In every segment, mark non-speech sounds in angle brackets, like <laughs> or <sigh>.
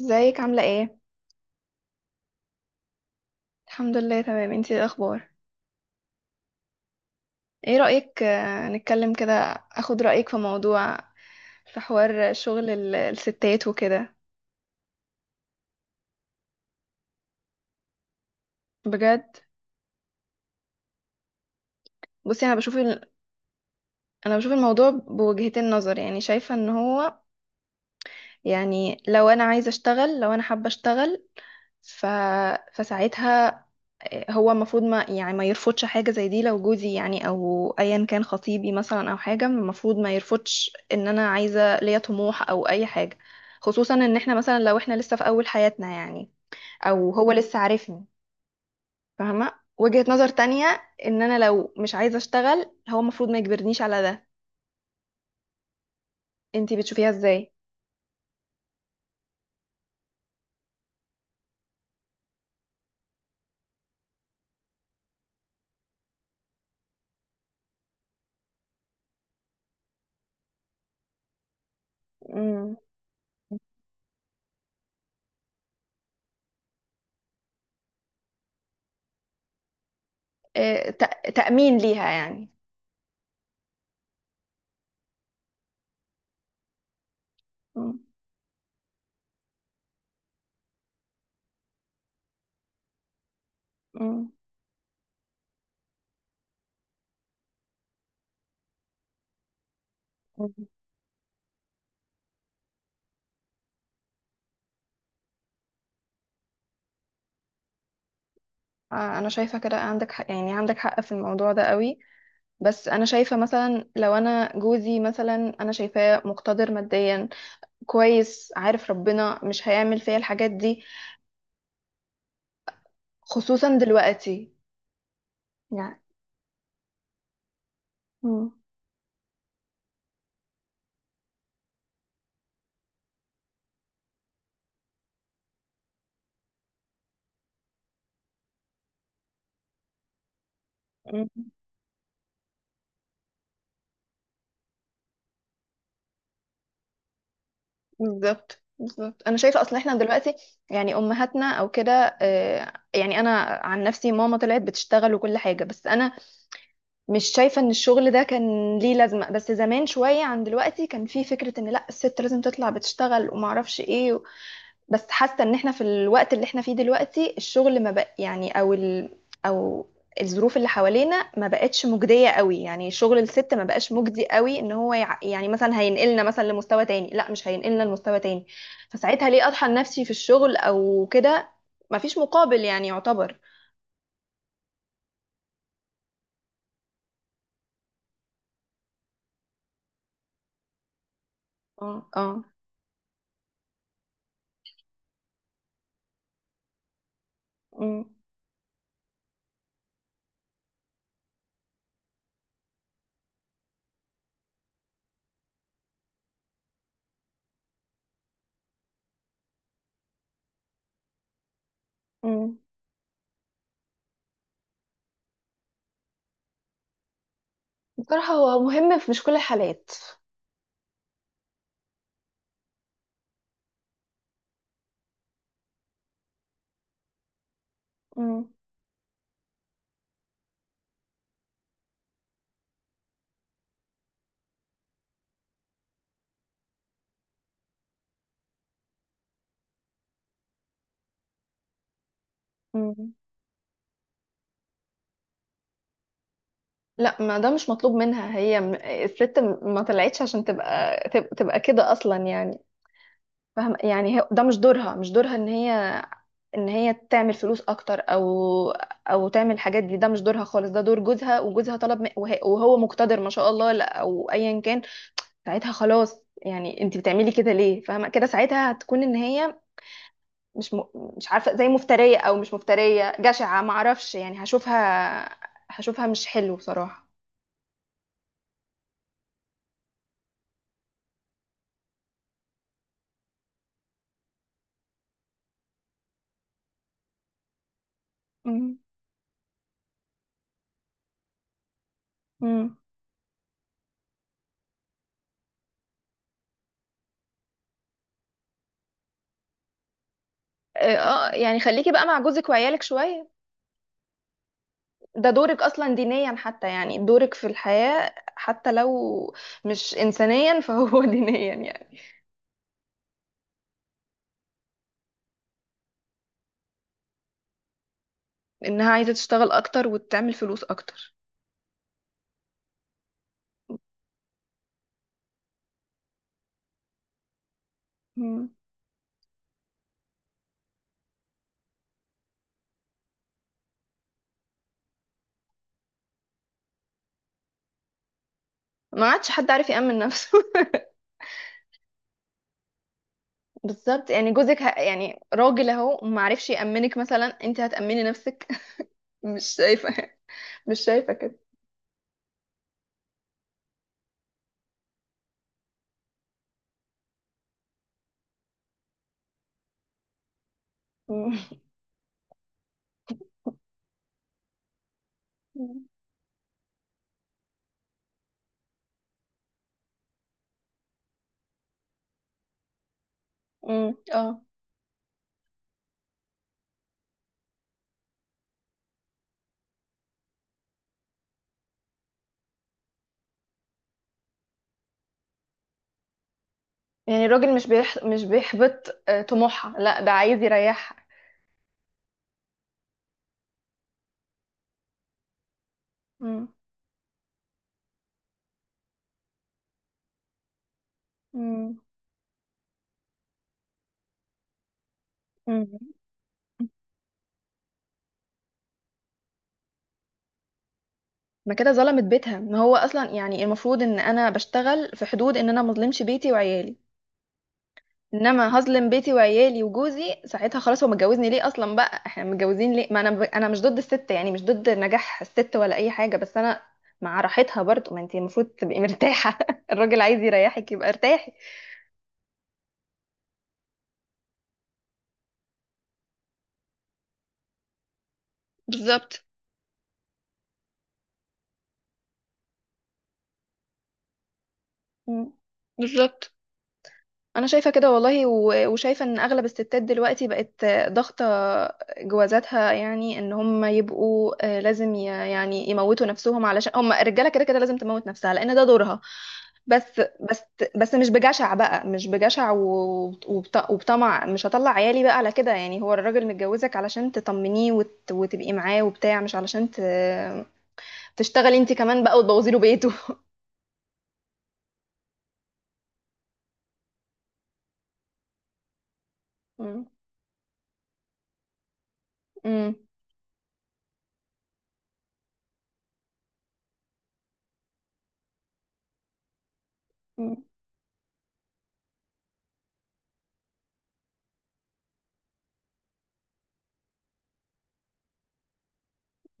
ازيك عاملة ايه؟ الحمد لله، تمام. انتي ايه الاخبار؟ ايه رأيك، نتكلم كده. اخد رأيك في موضوع، في حوار شغل الستات وكده. بجد؟ بصي انا بشوف انا بشوف الموضوع بوجهتين نظر، يعني شايفة ان هو، يعني لو انا عايزة اشتغل، لو انا حابة اشتغل ف... فساعتها هو المفروض ما يعني ما يرفضش حاجة زي دي، لو جوزي يعني او ايا كان خطيبي مثلا او حاجة، المفروض ما يرفضش ان انا عايزة ليا طموح او اي حاجة. خصوصا ان احنا مثلا لو احنا لسه في اول حياتنا يعني، او هو لسه عارفني. فاهمة وجهة نظر تانية، ان انا لو مش عايزة اشتغل هو المفروض ما يجبرنيش على ده. انتي بتشوفيها ازاي؟ مم. إيه، تأمين ليها يعني. مم. مم. مم. آه، انا شايفة كده، عندك حق، يعني عندك حق في الموضوع ده قوي. بس انا شايفه مثلا لو انا جوزي مثلا، انا شايفاه مقتدر ماديا، كويس، عارف ربنا مش هيعمل فيا الحاجات دي، خصوصا دلوقتي يعني. مم. مم. بالظبط بالظبط، انا شايفه اصلا احنا دلوقتي يعني امهاتنا او كده، يعني انا عن نفسي، ماما طلعت بتشتغل وكل حاجه، بس انا مش شايفه ان الشغل ده كان ليه لازمه. بس زمان شويه عن دلوقتي كان في فكره ان لا، الست لازم تطلع بتشتغل وما اعرفش ايه. بس حاسه ان احنا في الوقت اللي احنا فيه دلوقتي الشغل ما بق يعني، او ال او الظروف اللي حوالينا ما بقتش مجديه قوي، يعني شغل الست ما بقاش مجدي قوي ان هو يعني مثلا هينقلنا مثلا لمستوى تاني، لا مش هينقلنا لمستوى تاني. فساعتها ليه اطحن نفسي في الشغل او كده؟ ما فيش مقابل يعني يعتبر. اه اه. أمم. أمم. بصراحه هو مهم في مش كل الحالات. أمم. أمم. لا، ما ده مش مطلوب منها، هي الست ما طلعتش عشان تبقى تبقى كده اصلا يعني. فاهم، يعني هي ده مش دورها، مش دورها ان هي، ان هي تعمل فلوس اكتر او، او تعمل الحاجات دي، ده مش دورها خالص، ده دور جوزها، وجوزها طلب، وهو مقتدر ما شاء الله، لا، او ايا كان. ساعتها خلاص، يعني انت بتعملي كده ليه؟ فاهمه كده، ساعتها هتكون ان هي مش مش عارفه، زي مفتريه او مش مفتريه، جشعه، ما اعرفش يعني. هشوفها، هشوفها مش حلو بصراحه. امم. اه. آه، يعني خليكي بقى مع جوزك وعيالك شوية. ده دورك أصلا دينيا حتى، يعني دورك في الحياة حتى لو مش إنسانيا، فهو <laughs> دينيا يعني. إنها عايزة تشتغل أكتر وتعمل فلوس أكتر. مم. ما عادش حد عارف يأمن نفسه. <laughs> بالظبط، يعني جوزك يعني راجل أهو ما عرفش يأمنك، مثلا أنت هتأمني نفسك؟ <laughs> مش شايفة، مش شايفة كده. مم. <laughs> مم. اه. يعني الراجل مش مش بيحبط طموحها، لا ده عايز يريحها. مم. مم. مم. ما كده ظلمت بيتها، ما هو اصلا يعني المفروض ان انا بشتغل في حدود ان انا ما اظلمش بيتي وعيالي. انما هظلم بيتي وعيالي وجوزي ساعتها خلاص، هو متجوزني ليه اصلا؟ بقى احنا متجوزين ليه؟ ما انا انا مش ضد الست يعني، مش ضد نجاح الست ولا اي حاجه، بس انا مع راحتها برضو. ما انت المفروض تبقي مرتاحه <laughs> الراجل عايز يريحك يبقى ارتاحي. بالظبط. مم. بالظبط، انا شايفه كده والله وشايفه ان اغلب الستات دلوقتي بقت ضاغطه جوازاتها، يعني ان هم يبقوا لازم يعني يموتوا نفسهم علشان هم، الرجاله كده كده لازم تموت نفسها لان ده دورها. بس، بس، بس مش بجشع بقى، مش بجشع وبطمع، مش هطلع عيالي بقى على كده يعني. هو الراجل متجوزك علشان تطمنيه وتبقي معاه وبتاع، مش علشان تشتغلي انت كمان بقى وتبوظي له بيته <laughs> مم. مم.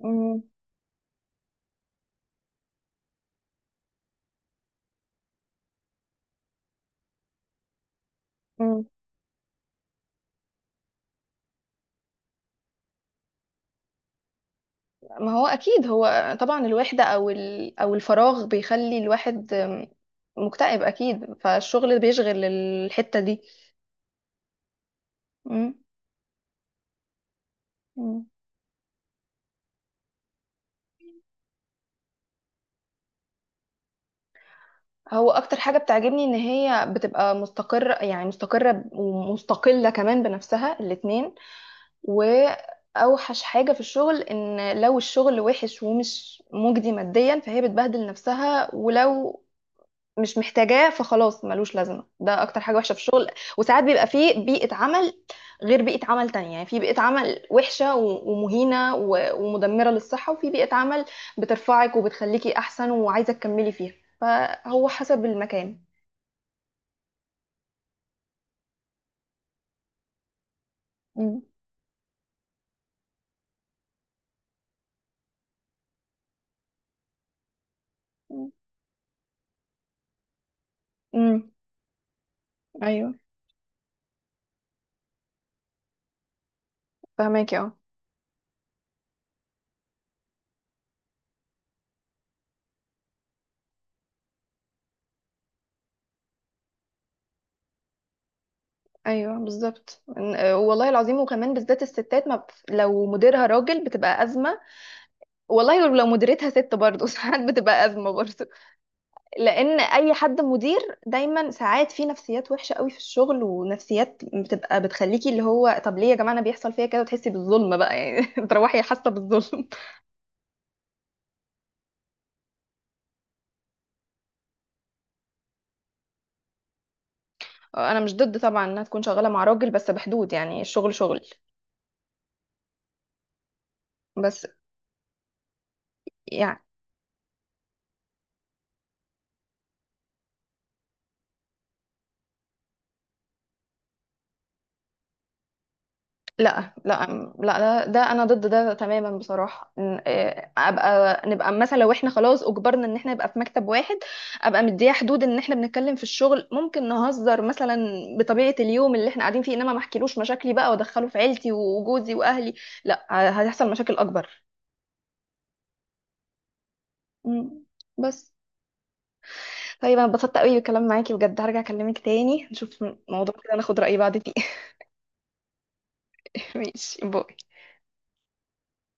مم. مم. ما هو اكيد، هو طبعا الوحده او او الفراغ بيخلي الواحد مكتئب اكيد، فالشغل بيشغل الحته دي. مم. مم. هو اكتر حاجه بتعجبني ان هي بتبقى مستقره، يعني مستقره ومستقله كمان بنفسها الاتنين. واوحش حاجه في الشغل ان لو الشغل وحش ومش مجدي ماديا فهي بتبهدل نفسها، ولو مش محتاجاه فخلاص ملوش لازمه، ده اكتر حاجه وحشه في الشغل. وساعات بيبقى فيه بيئه عمل غير بيئه عمل تانية، يعني في بيئه عمل وحشه ومهينه ومدمره للصحه، وفي بيئه عمل بترفعك وبتخليكي احسن وعايزه تكملي فيها، فهو حسب المكان. مم. مم. امم. ايوه. فهماكي اه. ايوه بالظبط، والله العظيم، وكمان بالذات الستات ما بت... لو مديرها راجل بتبقى ازمه. والله لو مديرتها ست برضه <laughs> ساعات بتبقى ازمه برضه. لان اي حد مدير دايما ساعات في نفسيات وحشه قوي في الشغل، ونفسيات بتبقى بتخليكي، اللي هو طب ليه يا جماعه انا بيحصل فيا كده؟ وتحسي بالظلم بقى يعني <laughs> تروحي حاسه بالظلم. انا مش ضد طبعا انها تكون شغاله مع راجل، بس بحدود، يعني الشغل شغل. بس يعني. لا لا. لا لا، ده انا ضد ده تماما بصراحه، إيه، ابقى نبقى مثلا لو احنا خلاص اجبرنا ان احنا نبقى في مكتب واحد، ابقى مديه حدود ان احنا بنتكلم في الشغل، ممكن نهزر مثلا بطبيعه اليوم اللي احنا قاعدين فيه، انما ما احكيلوش مشاكلي بقى وادخله في عيلتي وجوزي واهلي. لا، هتحصل مشاكل اكبر. مم. بس. طيب انا اتبسطت قوي بالكلام معاكي بجد، هرجع اكلمك تاني نشوف موضوع كده ناخد رأي بعض فيه <laughs> ماشي، باي.